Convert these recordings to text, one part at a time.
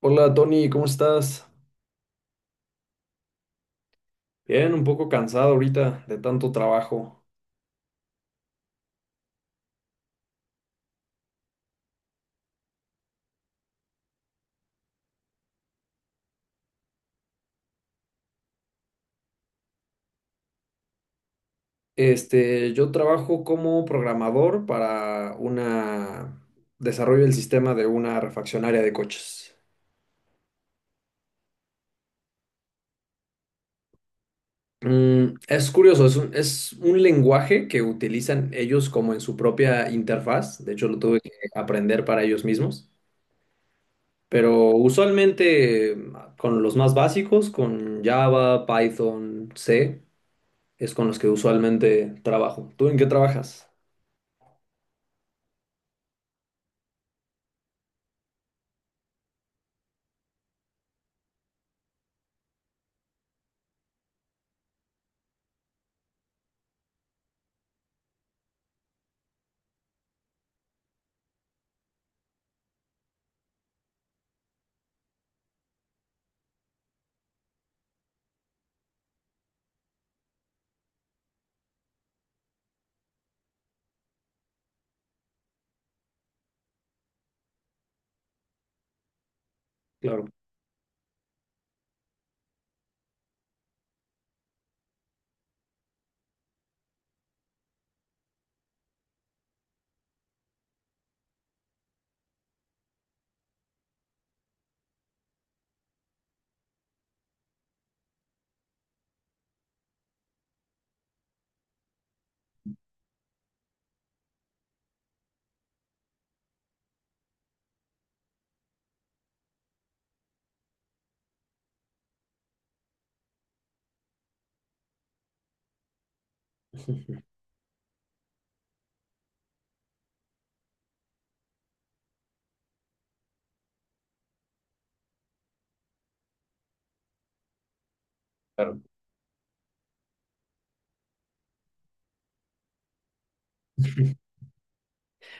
Hola Tony, ¿cómo estás? Bien, un poco cansado ahorita de tanto trabajo. Yo trabajo como programador para una desarrollo del sistema de una refaccionaria de coches. Mm, es curioso, es un lenguaje que utilizan ellos como en su propia interfaz. De hecho, lo tuve que aprender para ellos mismos. Pero usualmente con los más básicos, con Java, Python, C, es con los que usualmente trabajo. ¿Tú en qué trabajas? Claro, claro.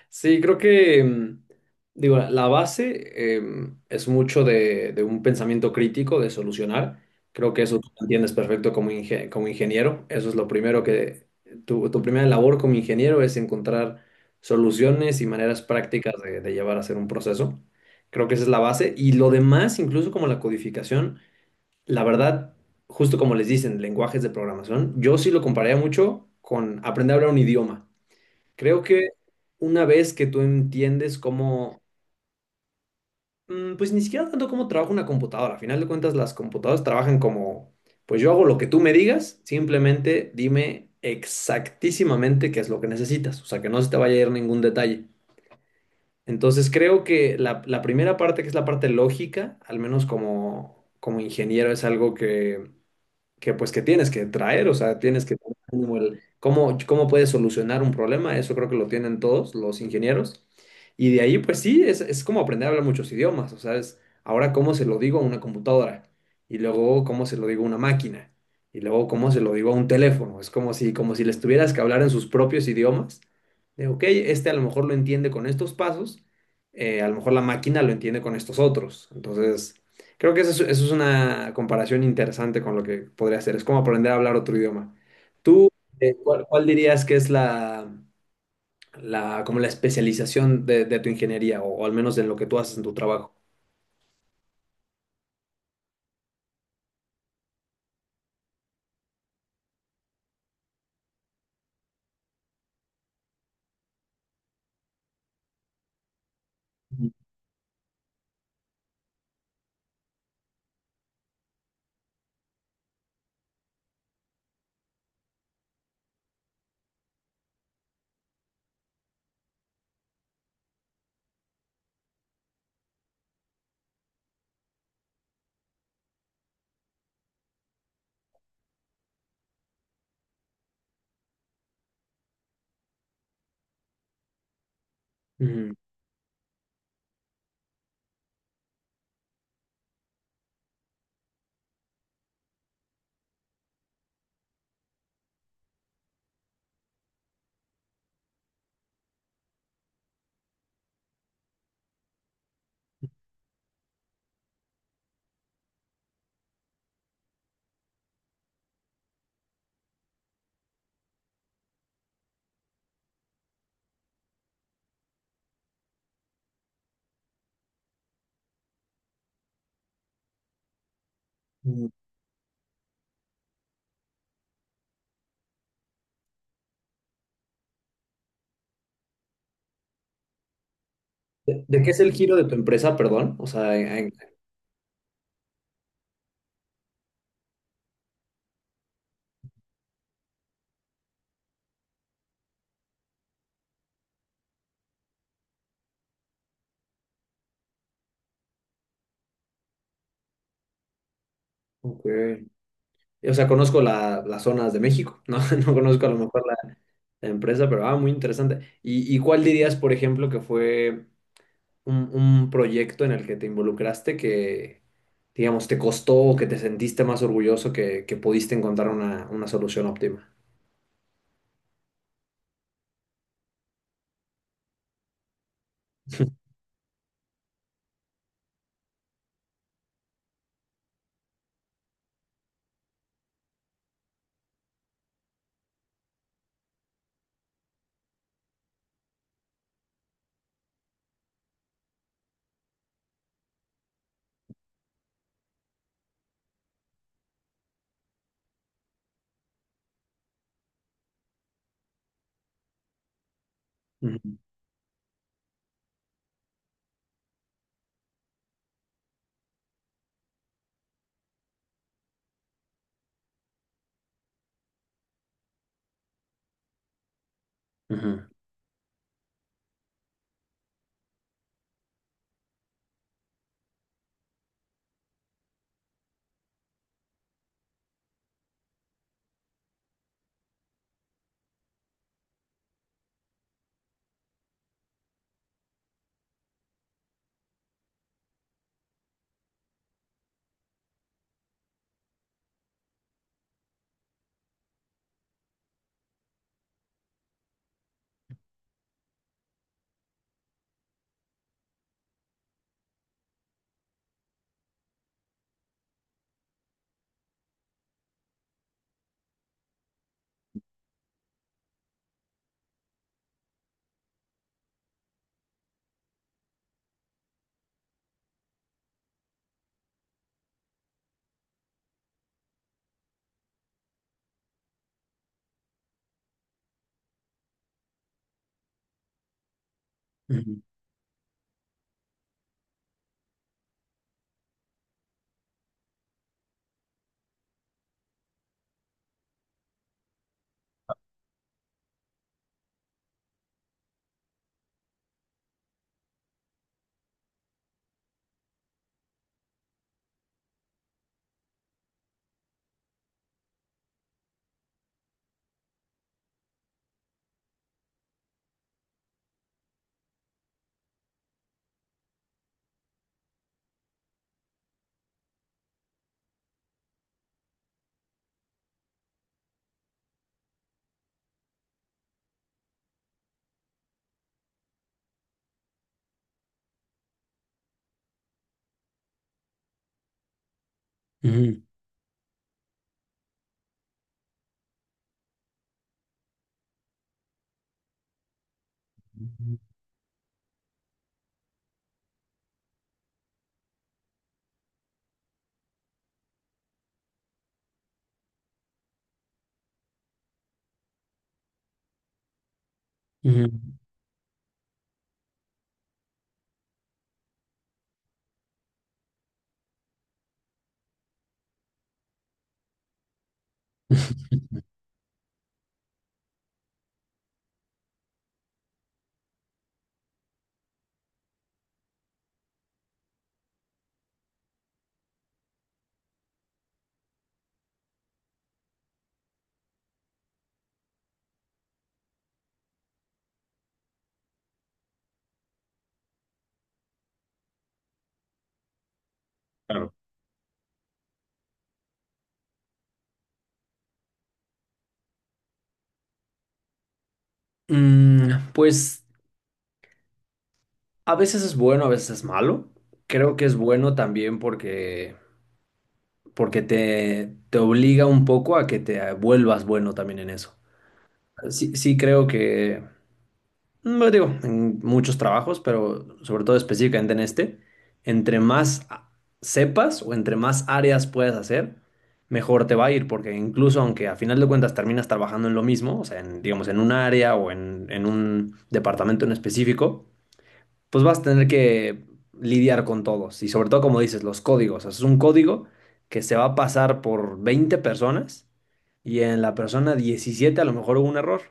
Sí, creo que, mm, digo, la base es mucho de un pensamiento crítico, de solucionar. Creo que eso tú lo entiendes perfecto como, como ingeniero. Eso es lo primero que, tu primera labor como ingeniero es encontrar soluciones y maneras prácticas de llevar a hacer un proceso. Creo que esa es la base. Y lo demás, incluso como la codificación, la verdad, justo como les dicen, lenguajes de programación, yo sí lo compararía mucho con aprender a hablar un idioma. Creo que una vez que tú entiendes cómo, mm, pues ni siquiera tanto cómo trabaja una computadora, al final de cuentas las computadoras trabajan como, pues yo hago lo que tú me digas, simplemente dime exactísimamente qué es lo que necesitas, o sea, que no se te vaya a ir ningún detalle. Entonces creo que la primera parte, que es la parte lógica, al menos como, como ingeniero, es algo que pues que tienes que traer, o sea, tienes que tener como cómo, cómo puedes solucionar un problema, eso creo que lo tienen todos los ingenieros. Y de ahí, pues sí, es como aprender a hablar muchos idiomas, o sea, es ahora cómo se lo digo a una computadora y luego cómo se lo digo a una máquina y luego cómo se lo digo a un teléfono, es como si les tuvieras que hablar en sus propios idiomas, de, ok, este a lo mejor lo entiende con estos pasos, a lo mejor la máquina lo entiende con estos otros, entonces... Creo que eso es una comparación interesante con lo que podría ser. Es como aprender a hablar otro idioma. ¿Tú, cuál dirías que es como la especialización de tu ingeniería o al menos en lo que tú haces en tu trabajo? Ujú. Ujú. Ujú. De qué es el giro de tu empresa, perdón? O sea, en- ok. O sea, conozco las zonas de México, ¿no? No conozco a lo mejor la empresa, pero ah, muy interesante. Y cuál dirías, por ejemplo, que fue un proyecto en el que te involucraste que, digamos, te costó o que te sentiste más orgulloso que pudiste encontrar una solución óptima? Ujú, ujú, ujú, ujú, ujú, ujú. Claro. Mm, pues a veces es bueno, a veces es malo. Creo que es bueno también porque, porque te obliga un poco a que te vuelvas bueno también en eso. Sí, sí creo que, no digo, en muchos trabajos, pero sobre todo específicamente en este, entre sepas o entre más áreas puedas hacer, mejor te va a ir, porque incluso aunque a final de cuentas terminas trabajando en lo mismo, o sea, en, digamos, en un área o en un departamento en específico, pues vas a tener que lidiar con todos. Y sobre todo, como dices, los códigos. O sea, es un código que se va a pasar por 20 personas y en la persona 17 a lo mejor hubo un error.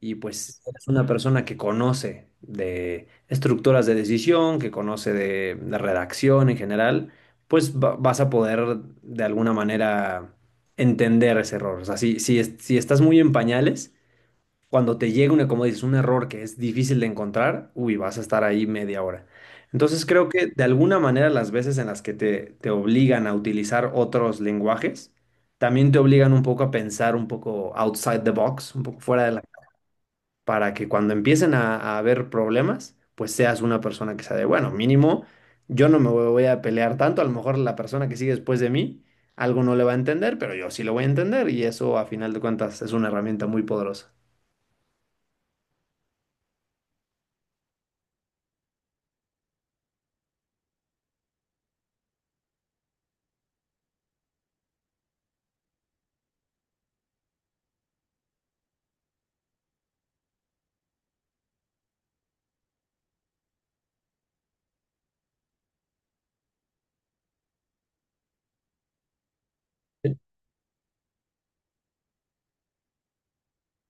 Y pues si una persona que conoce de estructuras de decisión, que conoce de redacción en general, pues vas a poder de alguna manera entender ese error. O sea, si estás muy en pañales, cuando te llega una, como dices, un error que es difícil de encontrar, uy, vas a estar ahí media hora. Entonces creo que de alguna manera las veces en las que te obligan a utilizar otros lenguajes, también te obligan un poco a pensar un poco outside the box, un poco fuera de la para que cuando empiecen a haber problemas, pues seas una persona que sea de, bueno, mínimo, yo no me voy a pelear tanto, a lo mejor la persona que sigue después de mí, algo no le va a entender, pero yo sí lo voy a entender y eso a final de cuentas es una herramienta muy poderosa.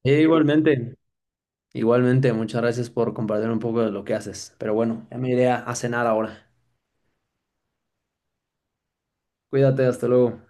E igualmente, igualmente, muchas gracias por compartir un poco de lo que haces, pero bueno, ya me iré a cenar ahora. Cuídate, hasta luego.